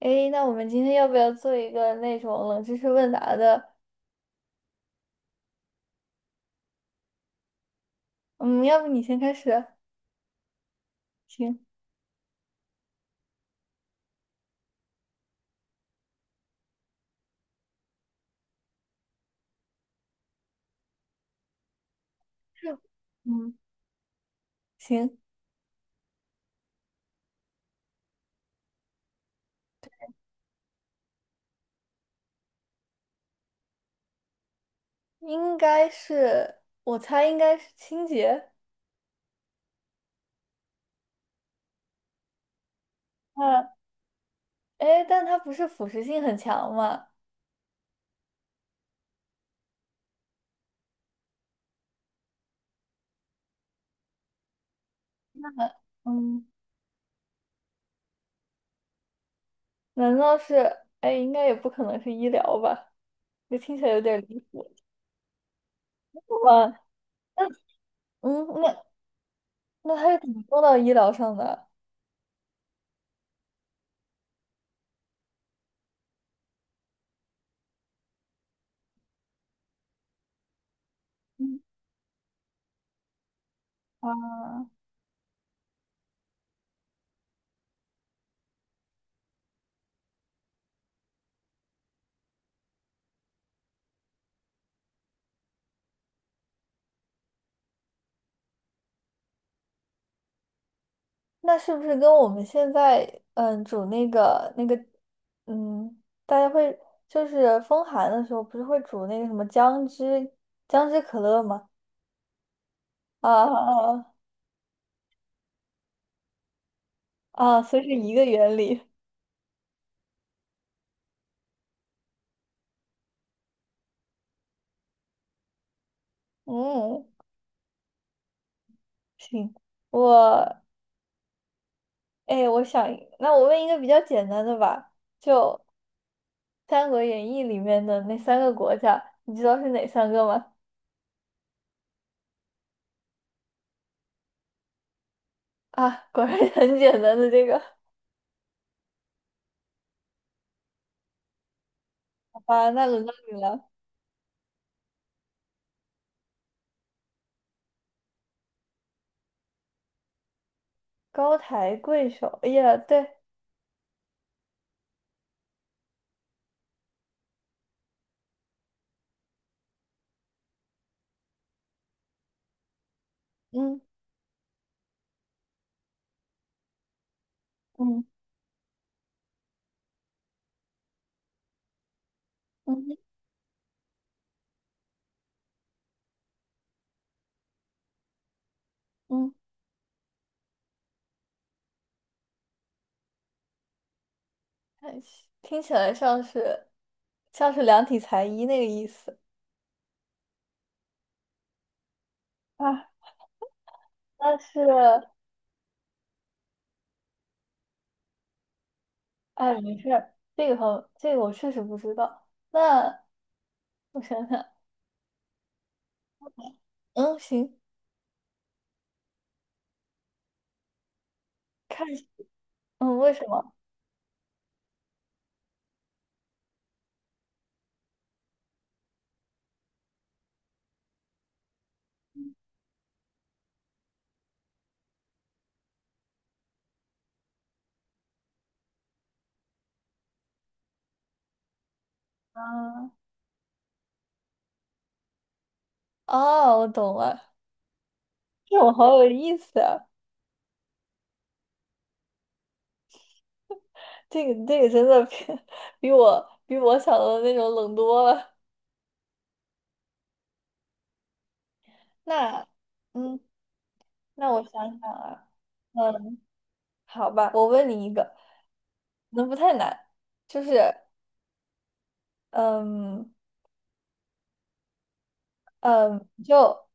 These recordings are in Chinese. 诶，那我们今天要不要做一个那种冷知识问答的？嗯，要不你先开始啊？行，是，嗯，行，应该是，我猜应该是清洁。嗯，诶，但它不是腐蚀性很强吗？嘛？嗯嗯，难道是？哎，应该也不可能是医疗吧？这听起来有点离谱。哇，那嗯，那那它是怎么做到医疗上的？嗯啊，那是不是跟我们现在煮大家会就是风寒的时候，不是会煮那个什么姜汁可乐吗？啊啊啊！啊，所以是一个原理。嗯，行，我哎，那我问一个比较简单的吧，就《三国演义》里面的那三个国家，你知道是哪三个吗？啊，果然很简单的这个。好吧，那轮到你了。高抬贵手，哎呀，对，嗯。嗯嗯嗯。哎，听起来像是量体裁衣那个意思啊。但是，哎，没事儿，这个好，这个我确实不知道。那我想想，嗯，行，看，嗯，为什么？啊，哦，我懂了，这我好有意思啊！这个真的比我想的那种冷多了。那嗯，那我想想啊，嗯，好吧，我问你一个，可能不太难，就是。嗯嗯，就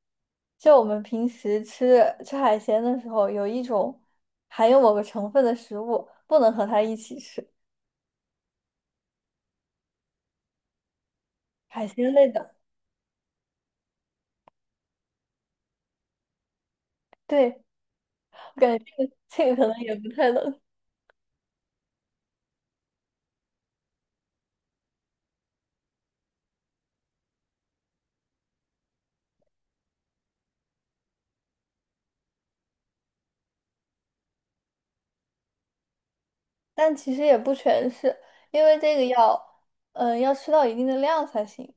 就我们平时吃吃海鲜的时候，有一种含有某个成分的食物不能和它一起吃，海鲜类的。对，我感觉这个可能也不太能，但其实也不全是，因为这个要吃到一定的量才行，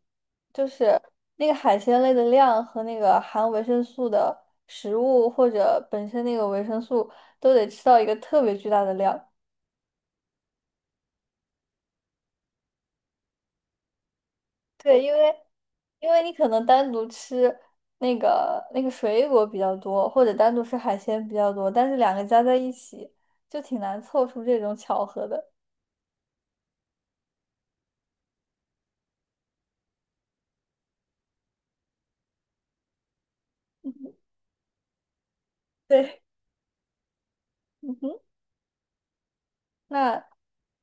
就是那个海鲜类的量和那个含维生素的食物或者本身那个维生素都得吃到一个特别巨大的量。对，因为你可能单独吃那个水果比较多，或者单独吃海鲜比较多，但是两个加在一起就挺难凑出这种巧合的。嗯哼，对，嗯哼，那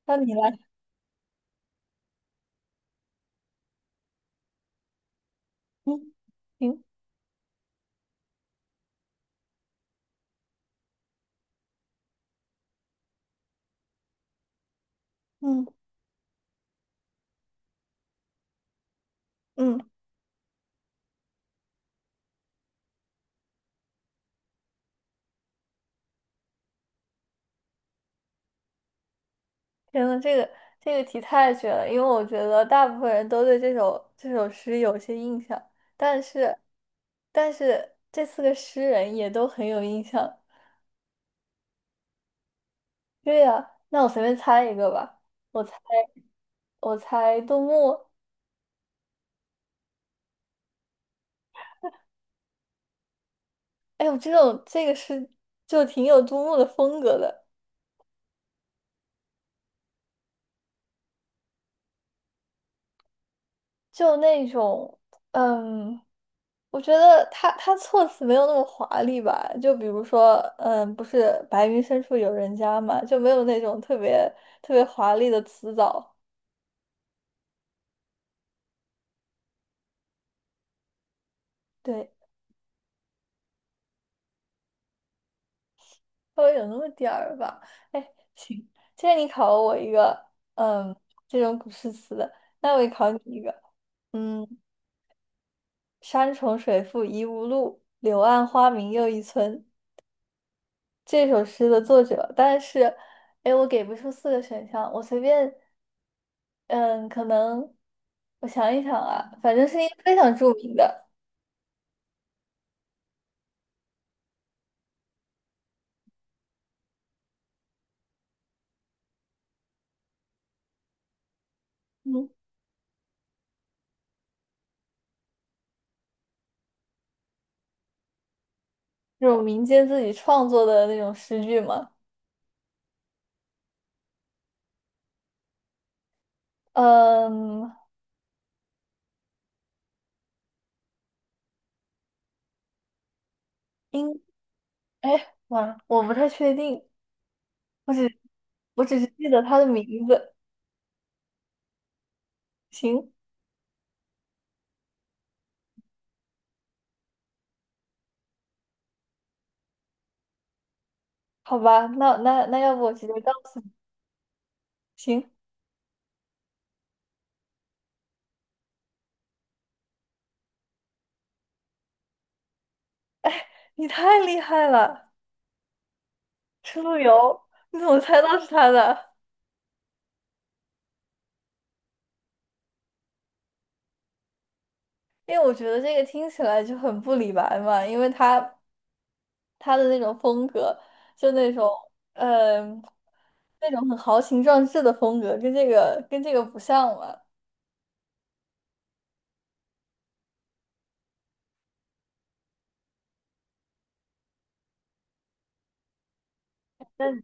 那你来，嗯，行，嗯嗯，天呐，这个题太绝了，因为我觉得大部分人都对这首诗有些印象，但是这四个诗人也都很有印象。对呀，那我随便猜一个吧，我猜我猜杜牧。哎呦，这种这个是就挺有杜牧的风格的，就那种嗯，我觉得他措辞没有那么华丽吧，就比如说，不是白云深处有人家嘛，就没有那种特别特别华丽的词藻，对，稍微有那么点儿吧。哎，行，既然你考了我一个嗯这种古诗词的，那我也考你一个，嗯。山重水复疑无路，柳暗花明又一村。这首诗的作者，但是，哎，我给不出四个选项，我随便，嗯，可能我想一想啊，反正是一个非常著名的，嗯，这种民间自己创作的那种诗句嘛，嗯，应，哎，哇，我不太确定，我只我只是记得他的名字，行，好吧，那要不我直接告诉你，行，你太厉害了。吃路由，你怎么猜到是他的？因为我觉得这个听起来就很不李白嘛，因为他的那种风格，就嗯，那种很豪情壮志的风格，跟这个不像嘛。但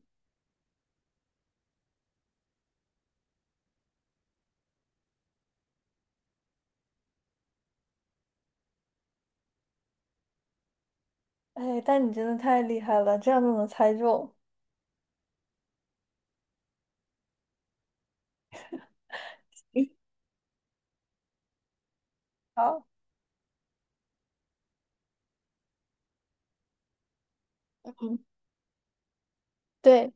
但你真的太厉害了，这样都能猜中。诶 好，嗯，对，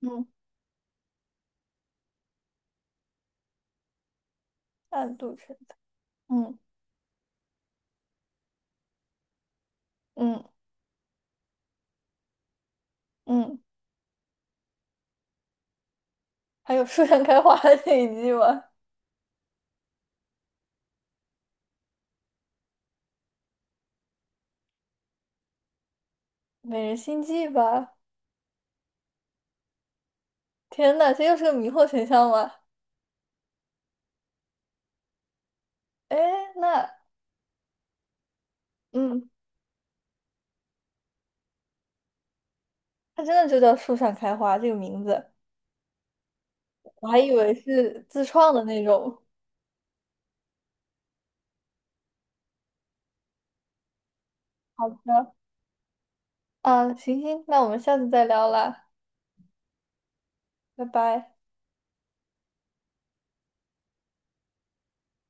嗯，暗度陈仓，嗯嗯嗯，还有树上开花的那一句吗？美人心计吧。天呐，这又是个迷惑选项吗？哎，那嗯。它真的就叫树上开花这个名字，我还以为是自创的那种。好的，啊，行行，那我们下次再聊啦，拜拜。